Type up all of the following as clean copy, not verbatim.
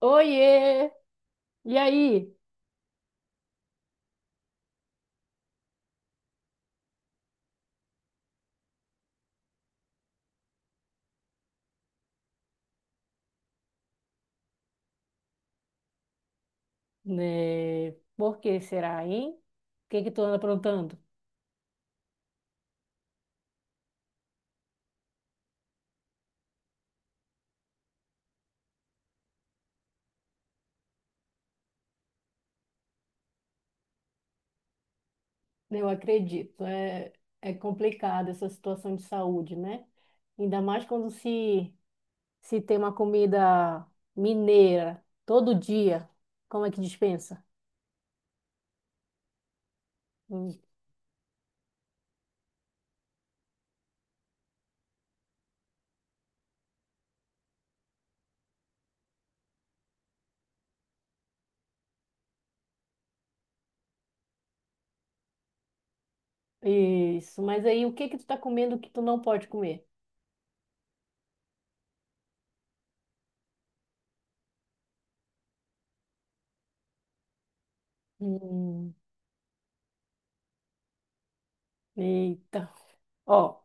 Oiê! E aí? Né? Por que será, hein? O que que tu anda aprontando? Eu acredito, é, é complicado essa situação de saúde, né? Ainda mais quando se tem uma comida mineira todo dia, como é que dispensa? Hum. Isso, mas aí o que que tu tá comendo que tu não pode comer? Hum, eita. Ó,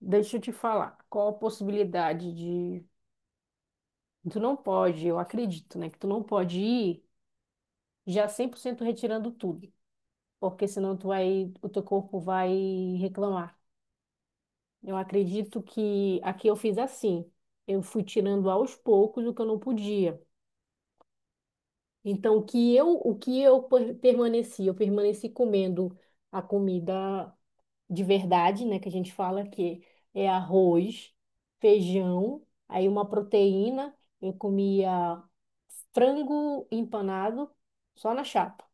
deixa eu te falar. Qual a possibilidade de. Tu não pode, eu acredito, né? Que tu não pode ir já 100% retirando tudo, porque senão tu vai, o teu corpo vai reclamar. Eu acredito que aqui eu fiz assim. Eu fui tirando aos poucos o que eu não podia. Então, o que eu permaneci? Eu permaneci comendo a comida de verdade, né? Que a gente fala que é arroz, feijão, aí uma proteína. Eu comia frango empanado só na chapa.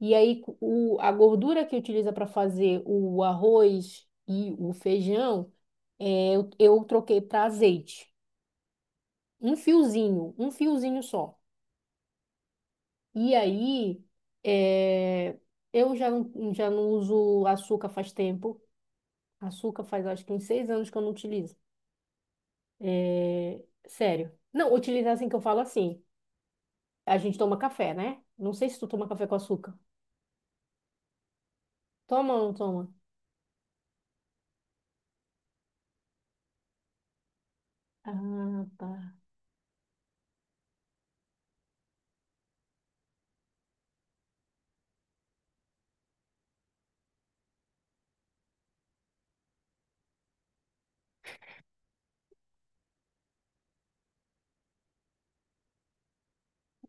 E aí a gordura que utiliza para fazer o arroz e o feijão, eu troquei para azeite. Um fiozinho só. E aí é, eu já não uso açúcar faz tempo. Açúcar faz acho que uns 6 anos que eu não utilizo. É, sério. Não, utilizar assim que eu falo assim. A gente toma café, né? Não sei se tu toma café com açúcar. Toma ou não toma? Ah, tá.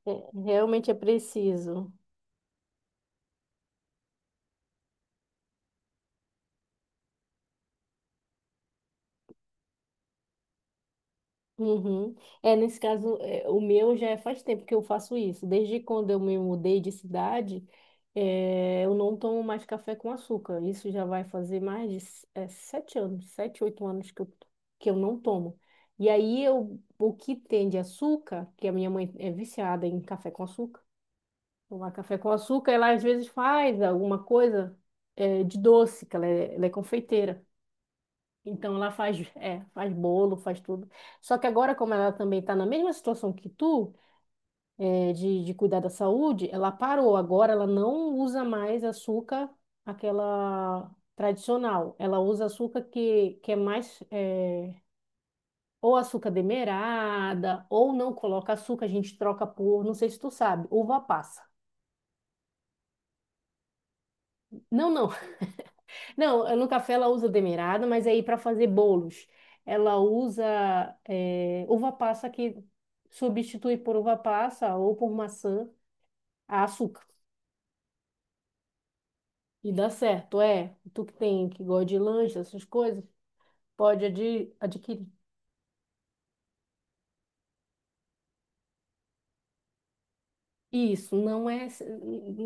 É, realmente é preciso. Uhum. É, nesse caso, é, o meu já é faz tempo que eu faço isso. Desde quando eu me mudei de cidade, é, eu não tomo mais café com açúcar. Isso já vai fazer mais de 7 anos, 7, 8 anos que eu não tomo. E aí, eu, o que tem de açúcar, que a minha mãe é viciada em café com açúcar, tomar café com açúcar, ela às vezes faz alguma coisa, de doce, que ela é confeiteira. Então ela faz bolo, faz tudo. Só que agora, como ela também está na mesma situação que tu, de cuidar da saúde, ela parou. Agora ela não usa mais açúcar, aquela tradicional. Ela usa açúcar que é mais, ou açúcar demerara, ou não coloca açúcar, a gente troca por, não sei se tu sabe, uva passa. Não, não, não, no café ela usa demerara, mas aí para fazer bolos, ela usa uva passa que substitui por uva passa ou por maçã a açúcar. E dá certo, é. Tu que gosta de lanche, essas coisas, pode adquirir. Isso, não é,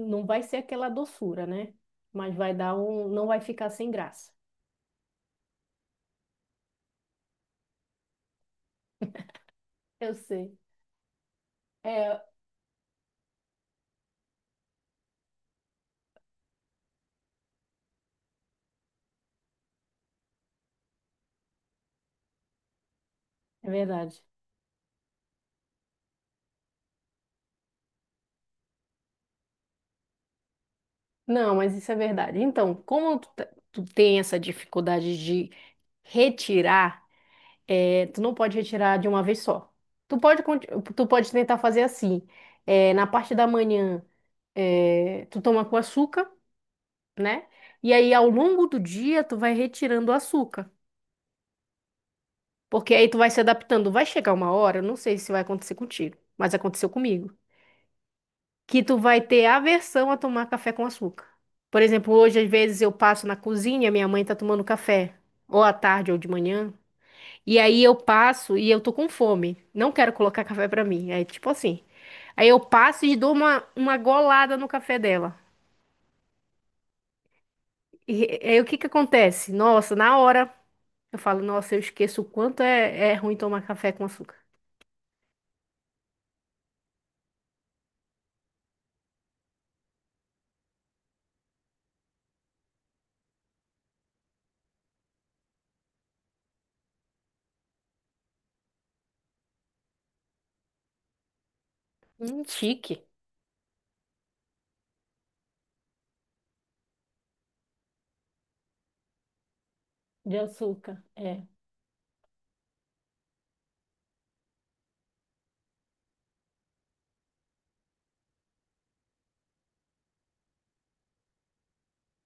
não vai ser aquela doçura, né? Mas vai dar um, não vai ficar sem graça. Eu sei. É, é verdade. Não, mas isso é verdade. Então, como tu tem essa dificuldade de retirar, tu não pode retirar de uma vez só. Tu pode, conti- tu pode tentar fazer assim. Na parte da manhã, tu toma com açúcar, né? E aí, ao longo do dia, tu vai retirando o açúcar. Porque aí tu vai se adaptando. Vai chegar uma hora, eu não sei se vai acontecer contigo, mas aconteceu comigo. Que tu vai ter aversão a tomar café com açúcar. Por exemplo, hoje às vezes eu passo na cozinha, minha mãe tá tomando café, ou à tarde ou de manhã, e aí eu passo e eu tô com fome, não quero colocar café pra mim, é tipo assim. Aí eu passo e dou uma golada no café dela. E aí o que que acontece? Nossa, na hora eu falo, nossa, eu esqueço o quanto é ruim tomar café com açúcar. Chique. De açúcar, é.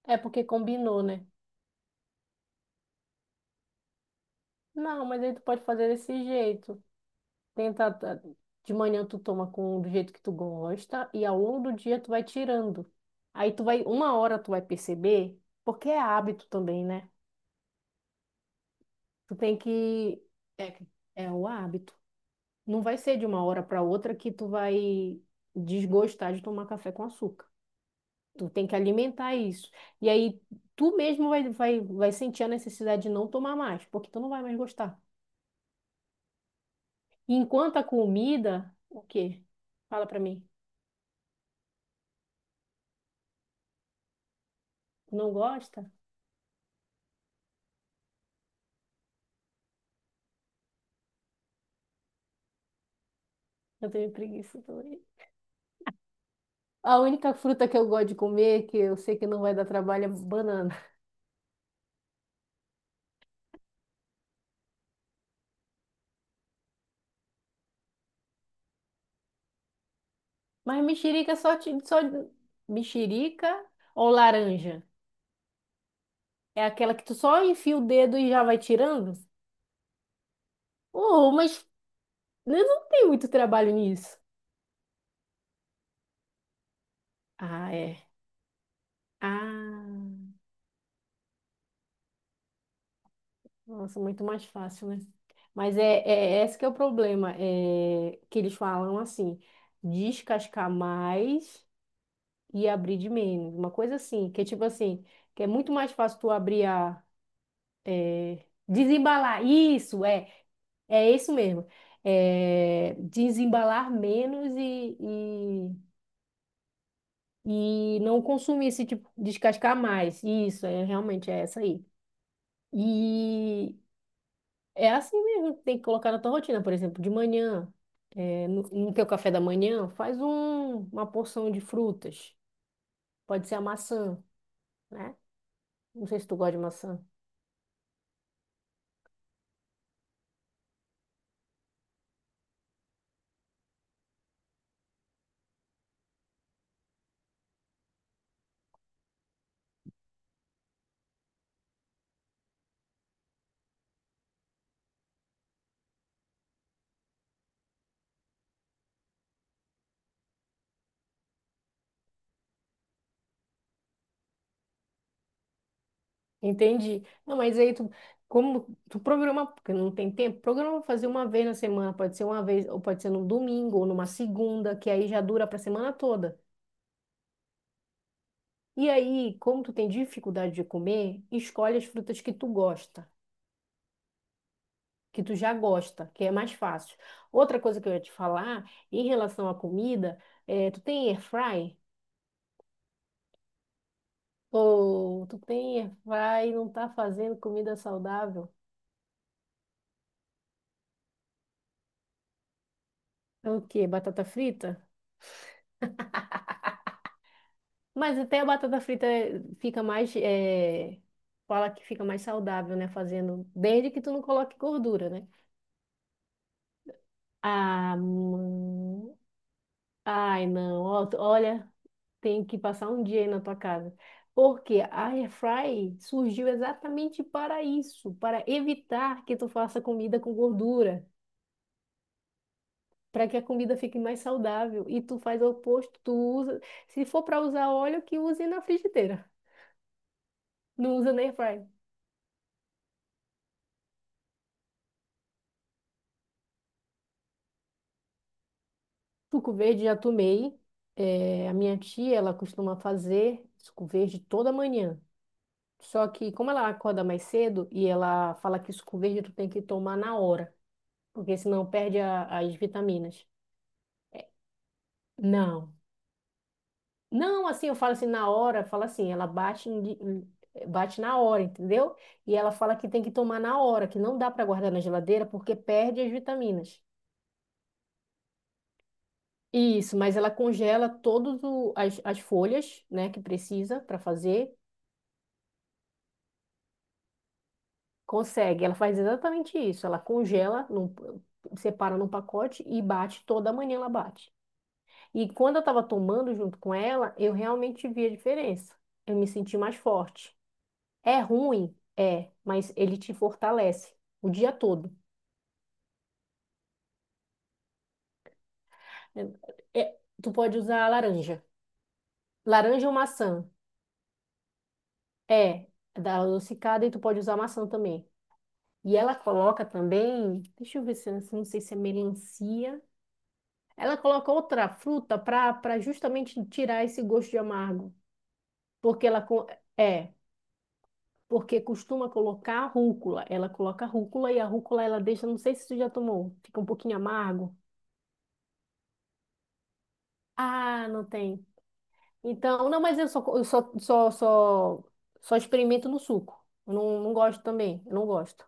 É porque combinou, né? Não, mas aí tu pode fazer desse jeito. Tenta, tá, de manhã tu toma com do jeito que tu gosta e ao longo do dia tu vai tirando. Aí tu vai, uma hora tu vai perceber, porque é hábito também, né? Tu tem que, é, é o hábito. Não vai ser de uma hora para outra que tu vai desgostar de tomar café com açúcar. Tu tem que alimentar isso. E aí tu mesmo vai sentir a necessidade de não tomar mais, porque tu não vai mais gostar. Enquanto a comida, o quê? Fala para mim. Não gosta? Eu tenho preguiça também. A única fruta que eu gosto de comer, que eu sei que não vai dar trabalho, é banana. Mas mexerica só, só mexerica ou laranja? É aquela que tu só enfia o dedo e já vai tirando? Oh, mas eu não tem muito trabalho nisso. Ah, é. Ah, nossa, muito mais fácil, né? Mas é, é esse que é o problema, é que eles falam assim, descascar mais e abrir de menos. Uma coisa assim, que é tipo assim, que é muito mais fácil tu abrir a. É, desembalar. Isso, é. É isso mesmo. É, desembalar menos e não consumir esse tipo, descascar mais. Isso, é realmente é essa aí. E é assim mesmo, que tem que colocar na tua rotina, por exemplo, de manhã. No teu café da manhã, faz uma porção de frutas. Pode ser a maçã, né? Não sei se tu gosta de maçã. Entendi. Não, mas aí tu, como tu programa, porque não tem tempo, programa fazer uma vez na semana, pode ser uma vez, ou pode ser num domingo, ou numa segunda, que aí já dura para a semana toda. E aí, como tu tem dificuldade de comer, escolhe as frutas que tu gosta, que tu já gosta, que é mais fácil. Outra coisa que eu ia te falar, em relação à comida, é, tu tem air fry? Ou tu tem air fry e não tá fazendo comida saudável? É o quê? Batata frita? Mas até a batata frita fica mais. Fala que fica mais saudável, né? Fazendo. Desde que tu não coloque gordura, né? Ah, mãe. Ai, não. Ó, tu- Olha, tem que passar um dia aí na tua casa. Porque a Airfry surgiu exatamente para isso, para evitar que tu faça comida com gordura, para que a comida fique mais saudável. E tu faz o oposto, tu usa, se for para usar óleo, que use na frigideira, não usa na Airfry. Suco verde já tomei. É, a minha tia, ela costuma fazer suco verde toda manhã. Só que como ela acorda mais cedo e ela fala que suco verde tu tem que tomar na hora, porque senão perde as vitaminas. É, não. Não, assim, eu falo assim na hora, fala assim, ela bate, bate na hora, entendeu? E ela fala que tem que tomar na hora, que não dá para guardar na geladeira porque perde as vitaminas. Isso, mas ela congela todas as, as folhas, né, que precisa para fazer. Consegue, ela faz exatamente isso. Ela congela, separa num pacote e bate toda manhã ela bate. E quando eu estava tomando junto com ela, eu realmente vi a diferença. Eu me senti mais forte. É ruim? É, mas ele te fortalece o dia todo. Tu pode usar laranja. Laranja ou maçã? É, dá adocicada e tu pode usar maçã também. E ela coloca também, deixa eu ver se, não sei se é melancia. Ela coloca outra fruta para justamente tirar esse gosto de amargo, porque ela co- é, porque costuma colocar rúcula. Ela coloca rúcula e a rúcula ela deixa, não sei se você já tomou, fica um pouquinho amargo. Ah, não tem. Então, não, mas eu só co- eu só só só, só experimento no suco. Eu não, não gosto também, eu não gosto.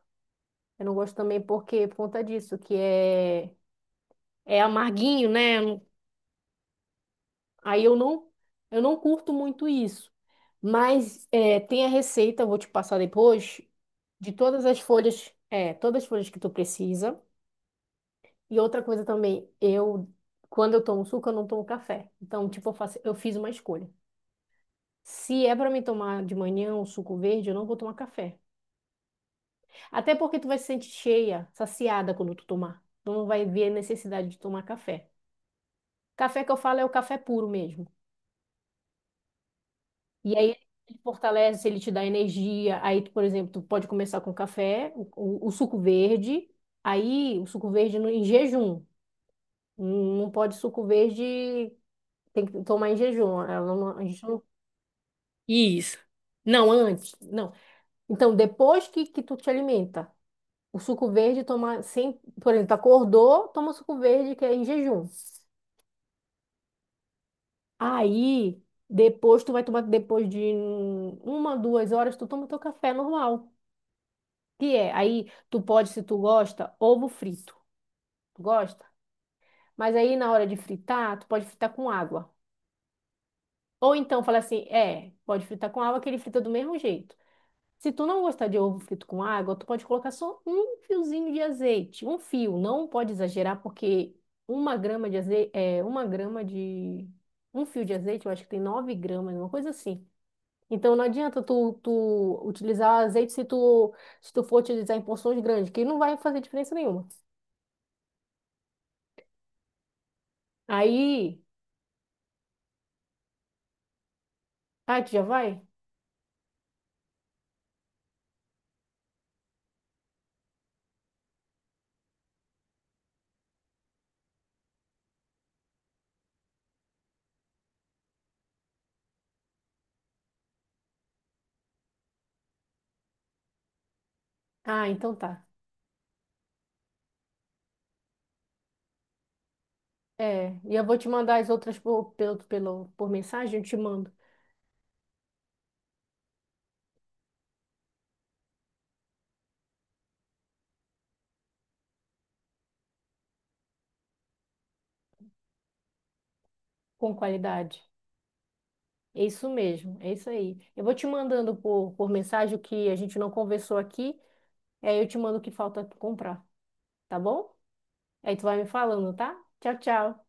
Eu não gosto também porque por conta disso, que é amarguinho, né? Aí eu não curto muito isso. Mas é, tem a receita, eu vou te passar depois, de todas as folhas, é, todas as folhas que tu precisa. E outra coisa também, eu, quando eu tomo suco, eu não tomo café. Então, tipo, eu faço, eu fiz uma escolha. Se é para mim tomar de manhã um suco verde, eu não vou tomar café. Até porque tu vai se sentir cheia, saciada quando tu tomar. Tu não vai ver a necessidade de tomar café. Café que eu falo é o café puro mesmo. E aí ele fortalece, ele te dá energia. Aí, tu, por exemplo, tu pode começar com café, o suco verde. Aí, o suco verde no, em jejum. Não não pode suco verde, tem que tomar em jejum. Ela não- a gente não- Isso. Não, antes, não. Então, depois que tu te alimenta, o suco verde toma sem, por exemplo, acordou, toma o suco verde que é em jejum. Aí, depois tu vai tomar depois de uma, 2 horas, tu toma teu café normal. Que é, aí tu pode, se tu gosta, ovo frito. Tu gosta? Mas aí na hora de fritar, tu pode fritar com água. Ou então fala assim, é, pode fritar com água que ele frita do mesmo jeito. Se tu não gostar de ovo frito com água, tu pode colocar só um fiozinho de azeite, um fio. Não pode exagerar porque 1 grama de azeite, é, uma grama de um fio de azeite, eu acho que tem 9 gramas, uma coisa assim. Então não adianta tu utilizar azeite se tu for utilizar em porções grandes, que não vai fazer diferença nenhuma. Aí. Ah, tu já vai? Ah, então tá. É, e eu vou te mandar as outras por mensagem, eu te mando com qualidade. É isso mesmo, é isso aí. Eu vou te mandando por mensagem o que a gente não conversou aqui, e aí eu te mando o que falta comprar, tá bom? Aí tu vai me falando, tá? Tchau, tchau.